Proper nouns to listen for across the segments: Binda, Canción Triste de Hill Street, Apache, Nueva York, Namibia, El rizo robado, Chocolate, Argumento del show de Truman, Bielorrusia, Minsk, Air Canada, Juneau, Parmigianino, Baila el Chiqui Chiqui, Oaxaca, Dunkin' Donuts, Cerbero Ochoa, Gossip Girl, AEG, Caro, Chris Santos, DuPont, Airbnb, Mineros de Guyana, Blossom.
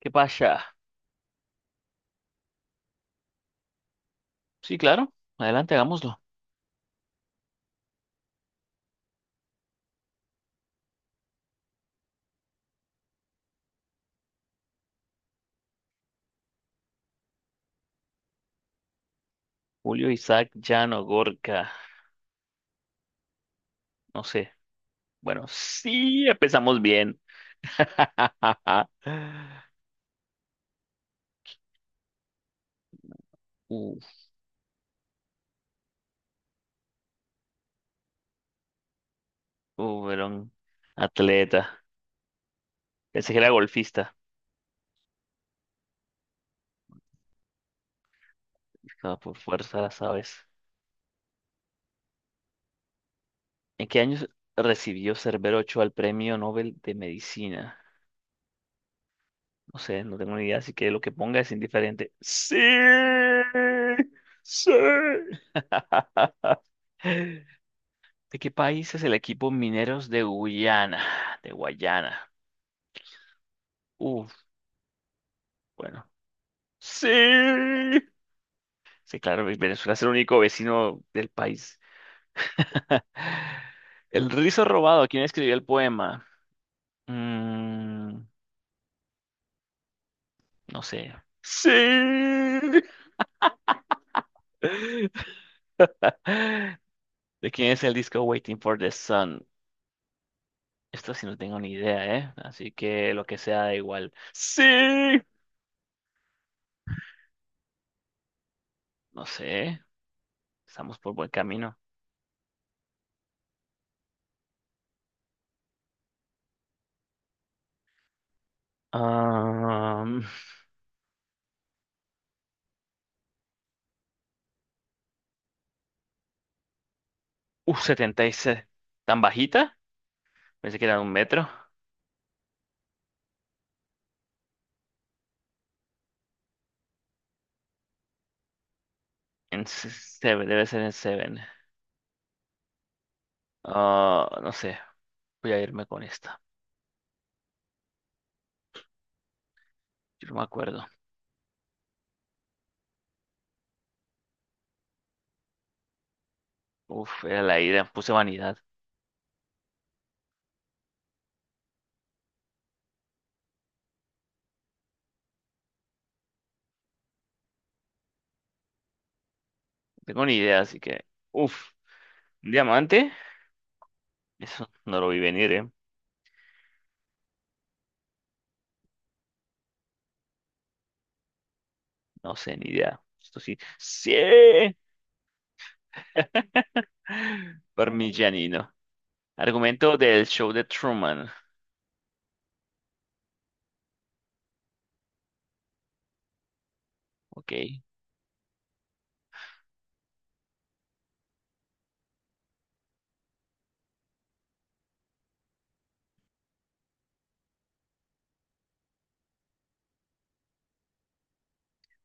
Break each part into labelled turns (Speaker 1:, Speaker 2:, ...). Speaker 1: ¿Qué pasa? Sí, claro. Adelante, hagámoslo. Julio, Isaac, Llano, Gorka. No sé. Bueno, sí, empezamos bien. Uh, Era un atleta. Pensé que era golfista. No, por fuerza, las sabes. ¿En qué años recibió Cerbero Ochoa el Premio Nobel de Medicina? No sé, no tengo ni idea, así que lo que ponga es indiferente. ¡Sí! ¡Sí! ¿De qué país es el equipo Mineros de Guyana? De Guayana. Uf, bueno. Sí. Sí, claro, Venezuela es el único vecino del país. El rizo robado, ¿quién escribió el poema? Mm, no sé. Sí. ¿De quién es el disco Waiting for the Sun? Esto sí no tengo ni idea, ¿eh? Así que lo que sea da igual. Sí. No sé. Estamos por buen camino. Ah, 76. ¿Tan bajita? Pensé que era un metro. En Seven, debe ser en Seven. Ah, no sé. Voy a irme con esta. Yo no me acuerdo. Uf, era la idea. Puse vanidad. No tengo ni idea, así que. Uf, ¿un diamante? Eso no lo vi venir, ¿eh? No sé, ni idea. Esto sí. ¡Sí! Parmigianino. Argumento del show de Truman. Ok.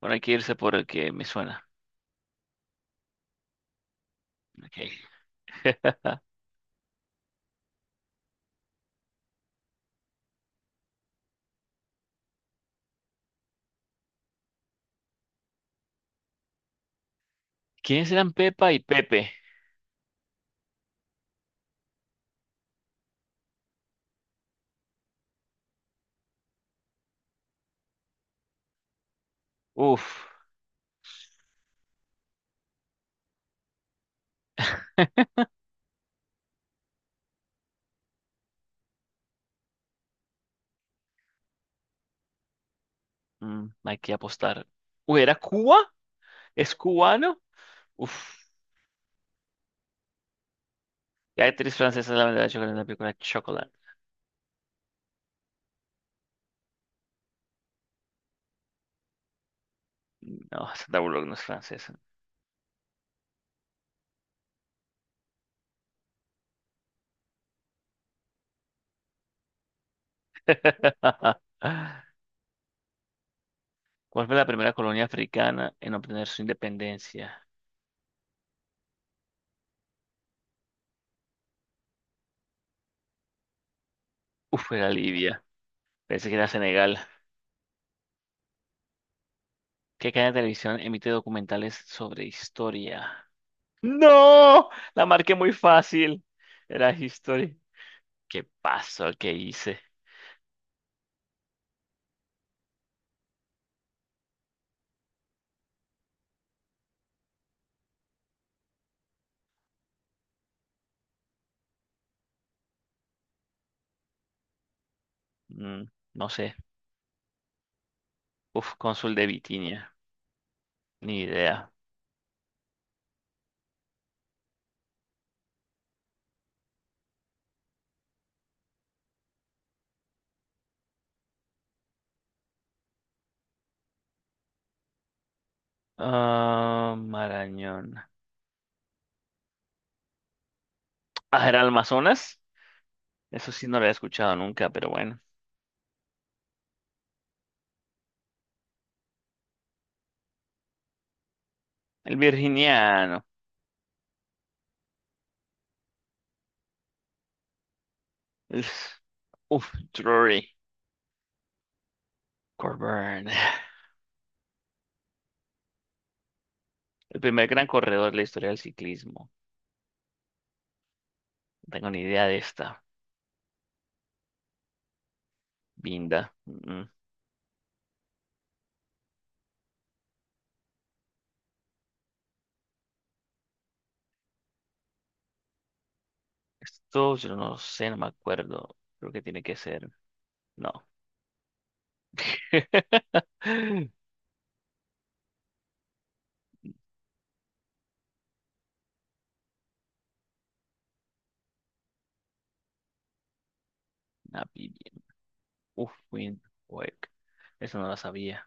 Speaker 1: Bueno, hay que irse por el que me suena. Ok. ¿Quiénes eran Pepa y Pepe? Uf. Hay que apostar. Uy, ¿era Cuba? ¿Es cubano? Uf. La actriz francesa es la verdad de chocolate en la película Chocolate. No, Sandra Bullock no es francesa. ¿Cuál fue la primera colonia africana en obtener su independencia? Uf, era Libia. Pensé que era Senegal. ¿Qué cadena de televisión emite documentales sobre historia? ¡No! La marqué muy fácil. Era History. ¿Qué pasó? ¿Qué hice? Mm, no sé. Uf, cónsul de Bitinia. Ni idea. Ah, Marañón. Ah, ¿era Amazonas? Eso sí no lo había escuchado nunca, pero bueno. El virginiano. Uf, uf, Drury. Coburn. El primer gran corredor de la historia del ciclismo. No tengo ni idea de esta. Binda. Mm, mm. Esto yo no sé, no me acuerdo. Creo que tiene que ser. No. Namibia. Uf, Windhoek. Eso no lo sabía.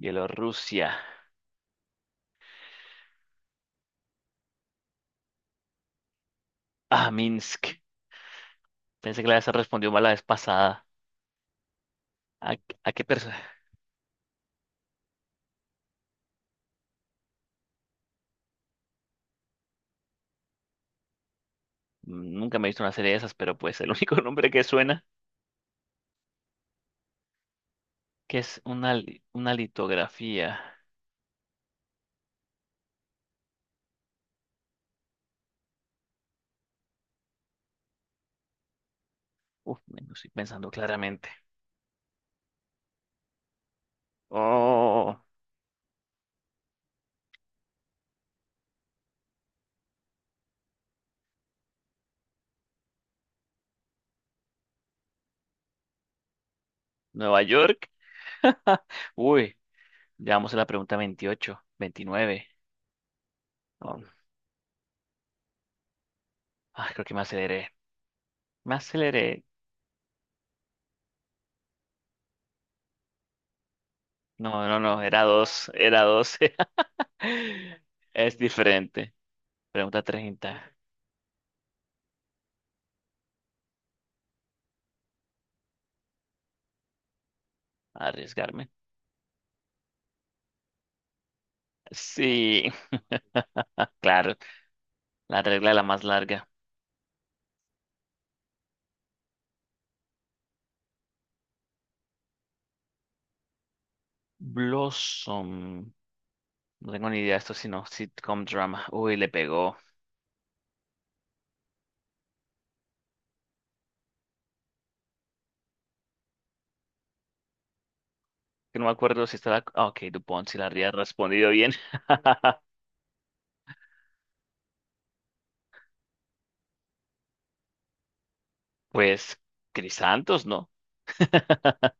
Speaker 1: Bielorrusia. Ah, Minsk. Pensé que la se respondió mal la vez pasada. ¿A, a qué persona? Nunca me he visto una serie de esas, pero pues el único nombre que suena, que es una litografía. Uf, me lo estoy pensando claramente. Oh, Nueva York. Uy, ya vamos a la pregunta 28 29. Oh, ah, creo que me aceleré. Me aceleré. No, no, no, era dos, era dos. Es diferente. Pregunta 30. Arriesgarme. Sí, claro, la regla es la más larga. Blossom. No tengo ni idea de esto, sino sitcom drama. Uy, le pegó. Que no me acuerdo si estaba. Ok, DuPont, si la habría respondido bien. Pues, Chris Santos, ¿no?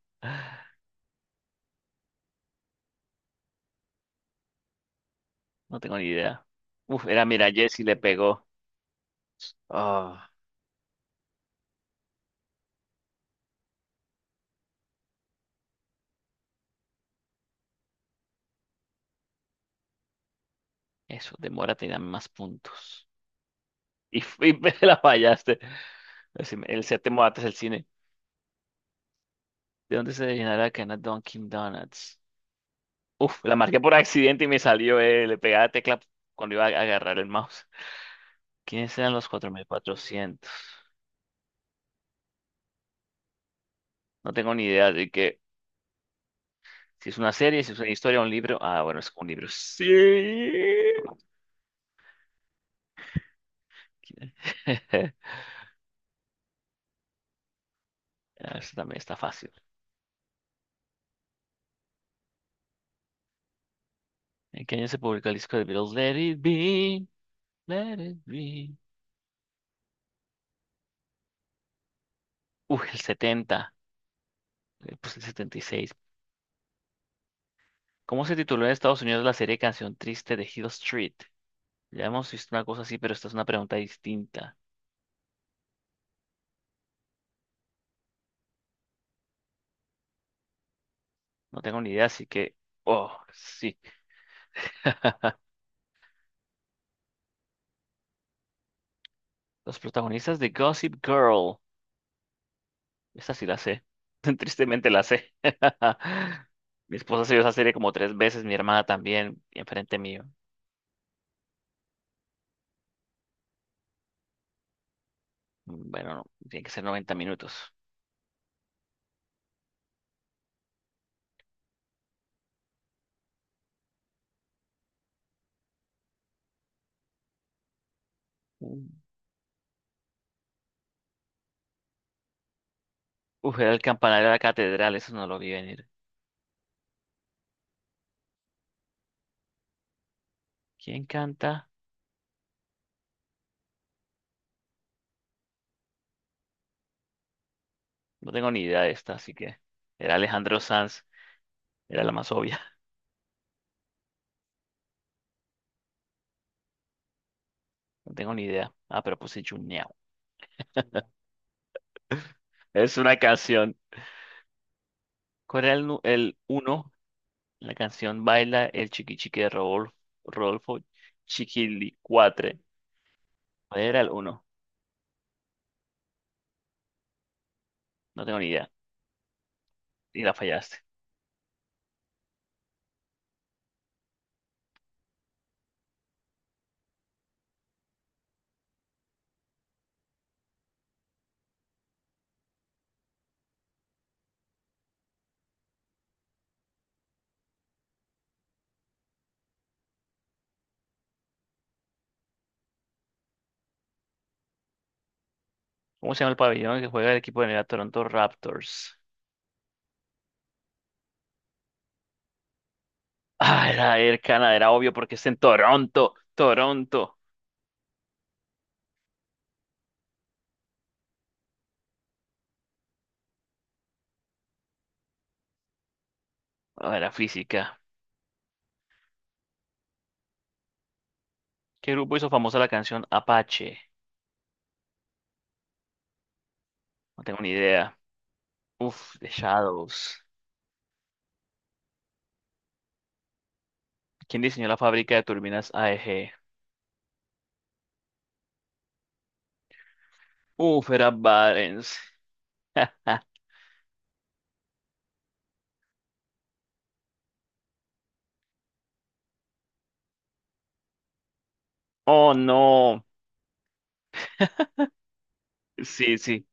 Speaker 1: No tengo ni idea. Uf, era mira, Jesse le pegó. Ah, eso, demórate y dame más puntos. Y, me la fallaste. Así El séptimo arte es el cine. ¿De dónde se originará la cadena Dunkin' Donuts? Uf, la marqué por accidente y me salió, le pegaba la tecla cuando iba a agarrar el mouse. ¿Quiénes eran los 4.400? No tengo ni idea de que si es una serie, si es una historia, un libro. Ah, bueno, es un libro. Sí. Eso también está fácil. ¿En qué año se publicó el disco de Beatles? Let it be, let it be. Uy, el 70. Pues el 76. ¿Cómo se tituló en Estados Unidos la serie Canción Triste de Hill Street? Ya hemos visto una cosa así, pero esta es una pregunta distinta. No tengo ni idea, así que... Oh, sí. Los protagonistas de Gossip Girl. Esa sí la sé. Tristemente la sé. Mi esposa se vio esa serie como tres veces, mi hermana también, y enfrente mío. Bueno, no, tiene que ser 90 minutos. Mm. Uf, era el campanario de la catedral, eso no lo vi venir. ¿Quién canta? No tengo ni idea de esta, así que era Alejandro Sanz, era la más obvia. No tengo ni idea. Ah, pero puse Juneau. Es una canción. ¿Cuál era el, el uno? La canción Baila el Chiqui Chiqui de Rodolfo Chiquilicuatre. ¿Cuál era el uno? No tengo ni idea. Y la fallaste. ¿Cómo se llama el pabellón que juega el equipo de la Toronto Raptors? Ah, era Air Canada, era obvio porque está en Toronto. Toronto. Ah, era física. ¿Qué grupo hizo famosa la canción Apache? No tengo ni idea. Uf, The Shadows. ¿Quién diseñó la fábrica de turbinas AEG? Uf, era Barents. Oh, no. Sí, sí.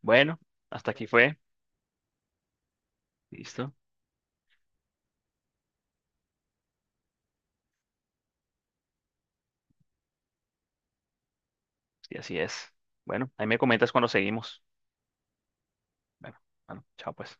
Speaker 1: Bueno, hasta aquí fue. Listo. Y así es. Bueno, ahí me comentas cuando seguimos. Bueno, bueno, chao pues.